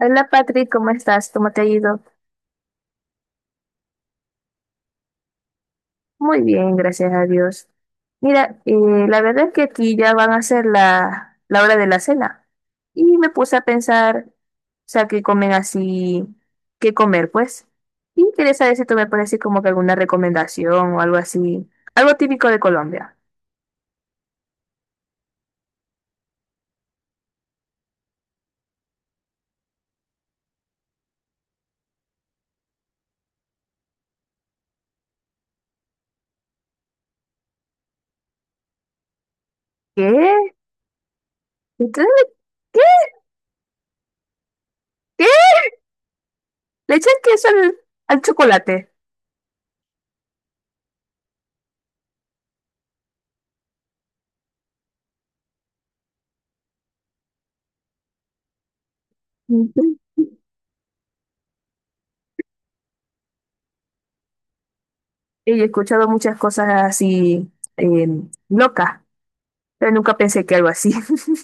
Hola Patrick, ¿cómo estás? ¿Cómo te ha ido? Muy bien, gracias a Dios. Mira, la verdad es que aquí ya van a ser la hora de la cena. Y me puse a pensar, o sea, qué comen así, qué comer, pues. Y quería saber si tú me pones así como que alguna recomendación o algo así, algo típico de Colombia. ¿Qué? ¿Ustedes le- qué? ¿Qué? ¿Le echan queso al chocolate? Y he escuchado muchas cosas así, eh, locas. Pero nunca pensé que algo así.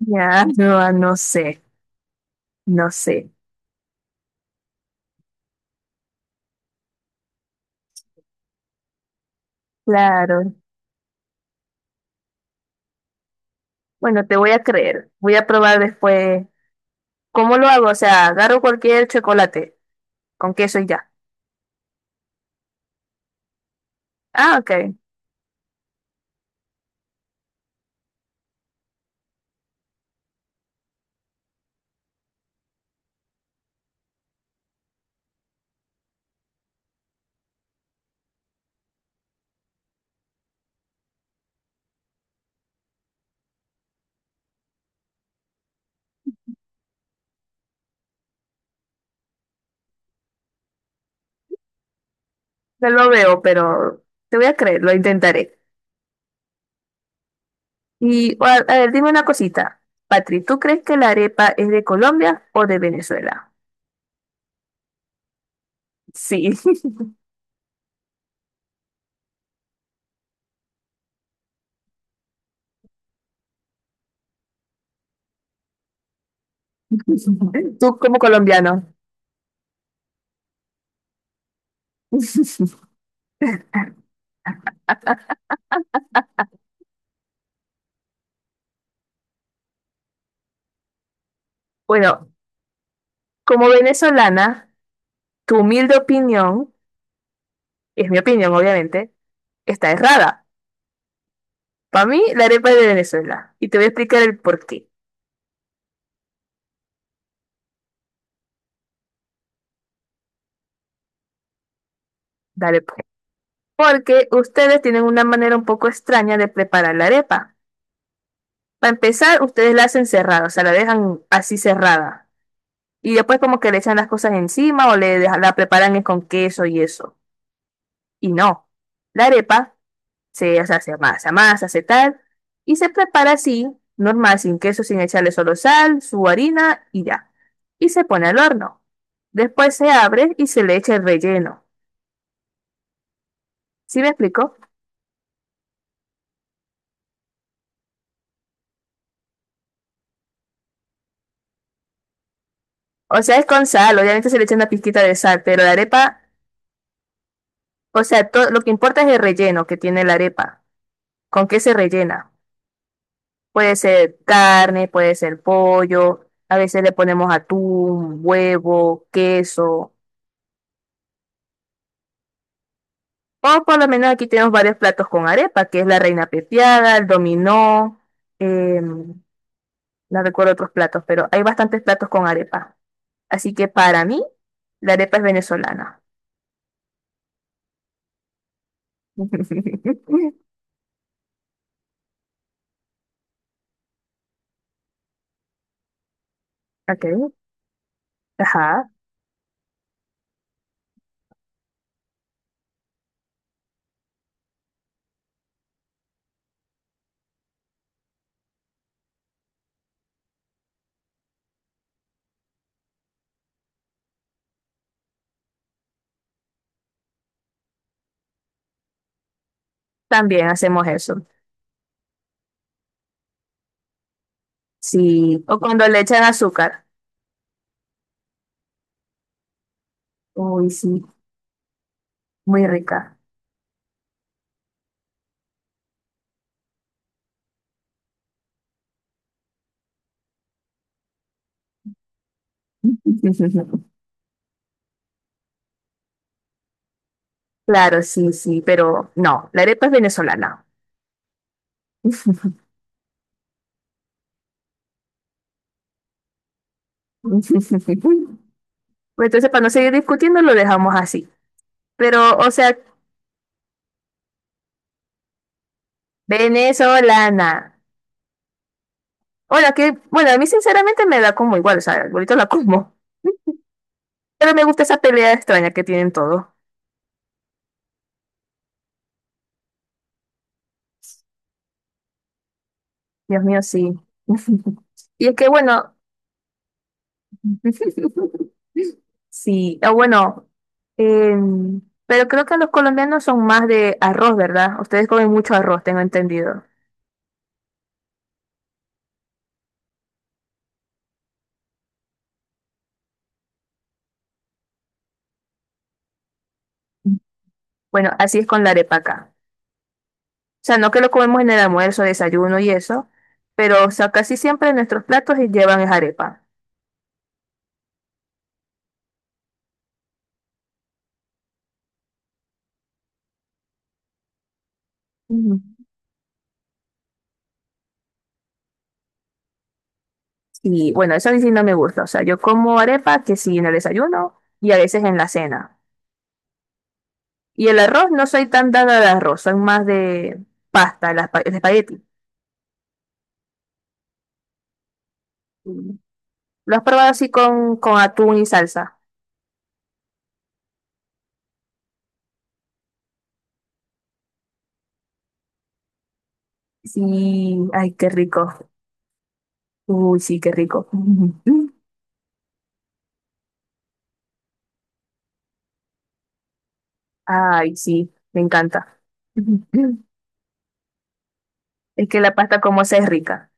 Ya, no, ah, no sé, no sé. Claro. Bueno, te voy a creer. Voy a probar después. ¿Cómo lo hago? O sea, agarro cualquier chocolate con queso y ya. Ah, ok. No lo veo, pero te voy a creer, lo intentaré. Y a ver, dime una cosita. Patri, ¿tú crees que la arepa es de Colombia o de Venezuela? Sí. Tú como colombiano. Bueno, como venezolana, tu humilde opinión. Es mi opinión, obviamente, está errada. Para mí, la arepa es de Venezuela. Y te voy a explicar el por qué. Dale, pues. Porque ustedes tienen una manera un poco extraña de preparar la arepa. Para empezar, ustedes la hacen cerrada, o sea, la dejan así cerrada. Y después como que le echan las cosas encima o le deja- la preparan es con queso y eso. Y no. La arepa se, o sea, se amasa, amasa, se tal. Y se prepara así, normal, sin queso, sin echarle solo sal, su harina y ya. Y se pone al horno. Después se abre y se le echa el relleno. ¿Sí me explico? O sea, es con sal, obviamente se le echa una pizquita de sal, pero la arepa, o sea, to- lo que importa es el relleno que tiene la arepa. ¿Con qué se rellena? Puede ser carne, puede ser pollo, a veces le ponemos atún, huevo, queso. O por lo menos aquí tenemos varios platos con arepa, que es la reina pepiada, el dominó, em, no recuerdo otros platos, pero hay bastantes platos con arepa. Así que para mí, la arepa es venezolana. Ok, ajá, también hacemos eso. Sí, o cuando le echan azúcar. Uy, sí, muy rica. Claro, sí, sí, pero no, la arepa es venezolana. Pues entonces, para no seguir discutiendo, lo dejamos así. Pero, o sea, venezolana. Hola, que, bueno, a mí sinceramente me da como igual, o sea, ahorita la como. Pero me gusta esa pelea extraña que tienen todos. Dios mío, sí. Y es que, bueno, sí, ah, bueno, pero creo que los colombianos son más de arroz, ¿verdad? Ustedes comen mucho arroz, tengo entendido. Bueno, así es con la arepa acá. O sea, no que lo comemos en el almuerzo, desayuno y eso, pero, o sea, casi siempre nuestros platos llevan es arepa. Ujú. Y bueno, eso a mí sí no me gusta. O sea, yo como arepa que sí en el desayuno y a veces en la cena. Y el arroz, no soy tan dada al arroz, soy más de pasta, el aspa- el espagueti. Mm. Lo has probado así con atún y salsa. Sí, ay, qué rico. Uy, sí, qué rico. Ay, sí, me encanta. Ujú. Es que la pasta como esa es rica.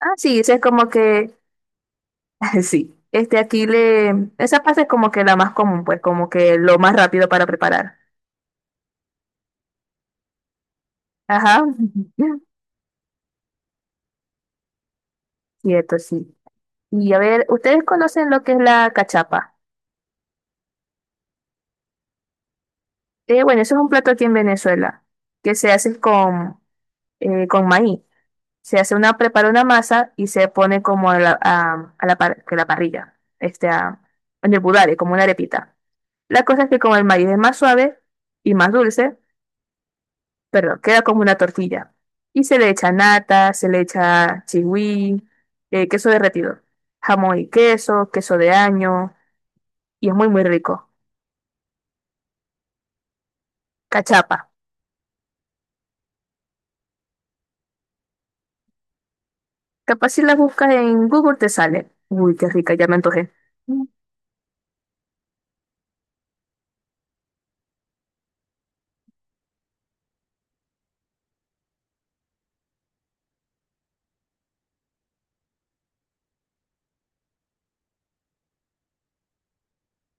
Ah, sí, esa es como que, sí, este aquí le, esa pasta es como que la más común, pues como que lo más rápido para preparar. Ajá, cierto, sí. Y a ver, ¿ustedes conocen lo que es la cachapa? Bueno, eso es un plato aquí en Venezuela, que se hace con maíz. Se hace una, prepara una masa y se pone como a la, par- que la parrilla, este, a- en el budare, como una arepita. La cosa es que como el maíz es más suave y más dulce, perdón, queda como una tortilla. Y se le echa nata, se le echa chigüí, queso derretido, jamón y queso, queso de año. Y es muy, muy rico. Cachapa. Capaz si las buscas en Google te sale. Uy, qué rica, ya me antojé. Mm.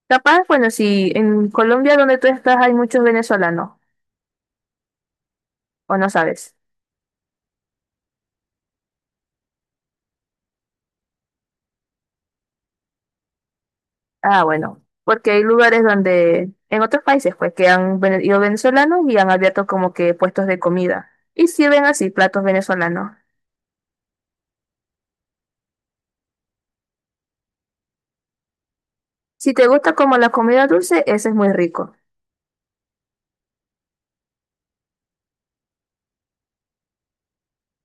Capaz, bueno, si en Colombia donde tú estás hay muchos venezolanos, o no sabes. Ah, bueno, porque hay lugares donde, en otros países, pues, que han vene- ido venezolanos y han abierto como que puestos de comida. Y sirven así platos venezolanos. Si te gusta como la comida dulce, ese es muy rico.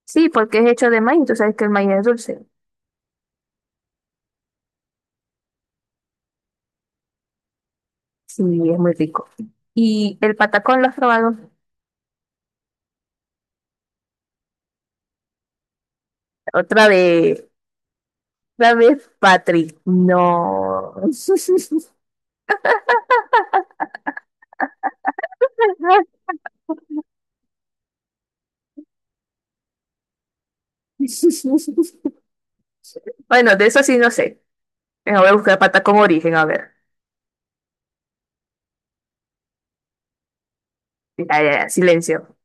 Sí, porque es hecho de maíz, tú sabes que el maíz es dulce. Sí, es muy rico. ¿Y el patacón lo has probado? Otra vez, otra vez, Patrick. No. Bueno, de eso sí no sé. Venga, voy a buscar pata con origen, a ver. Ya, ya, ya, silencio.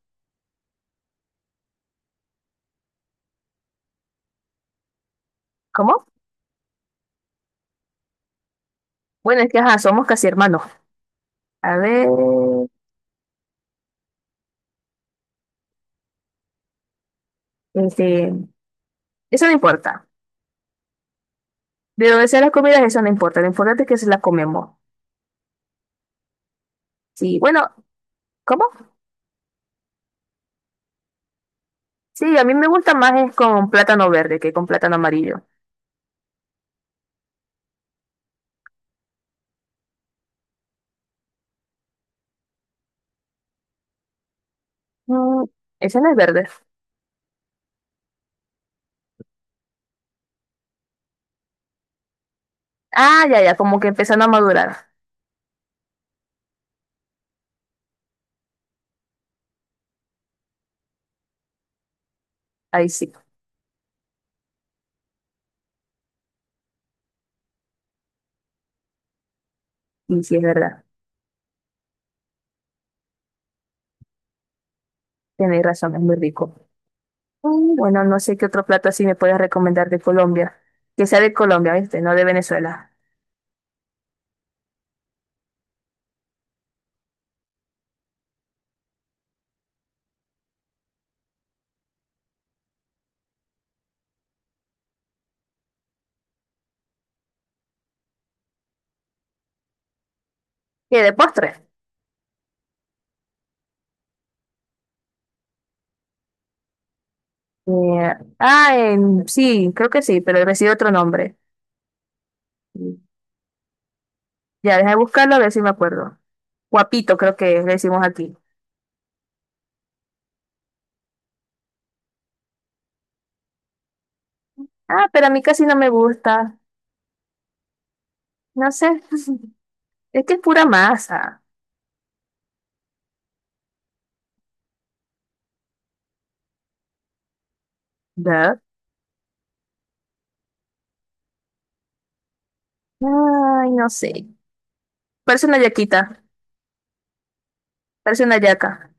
¿Cómo? Bueno, es que ajá, somos casi hermanos. A ver, este, eso no importa. De dónde sea las comidas, eso no importa. Lo importante es que se las comemos. Sí, bueno, ¿cómo? Sí, a mí me gusta más es con plátano verde que con plátano amarillo. Mm, ese no es verde. Ah, ya, ya, como que empezando a madurar. Ahí sí. Y sí, es verdad. Tenéis razón, es muy rico. Mm, bueno, no sé qué otro plato así me puedes recomendar de Colombia. Que sea de Colombia, ¿viste? No de Venezuela. ¿Qué? ¿De postre? Sí, creo que sí, pero recibe otro nombre. Mm, ya, deja de buscarlo a ver si me acuerdo. Guapito, creo que le decimos aquí. Ah, pero a mí casi no me gusta. No sé. Es que es pura masa. ¿Verdad? Ay, no sé. Parece una yaquita. Parece una yaca.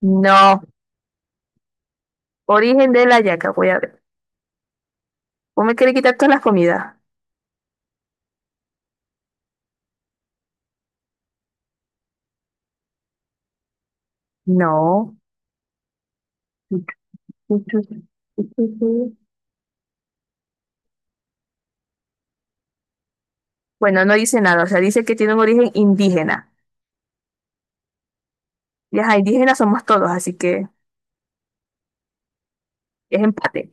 No. Origen de la yaca, voy a ver. ¿Vos me querés quitar toda la comida? No. Bueno, no dice nada, o sea, dice que tiene un origen indígena. Y ajá, indígenas somos todos, así que es empate.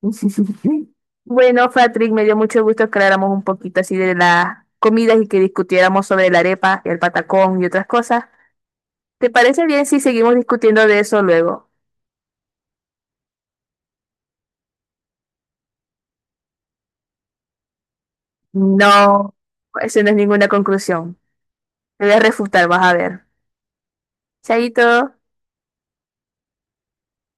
Bueno, Patrick, me dio mucho gusto que habláramos un poquito así de las comidas y que discutiéramos sobre la arepa y el patacón y otras cosas. ¿Te parece bien si seguimos discutiendo de eso luego? No, eso no es ninguna conclusión. Te voy a refutar, vas a ver. Chaito.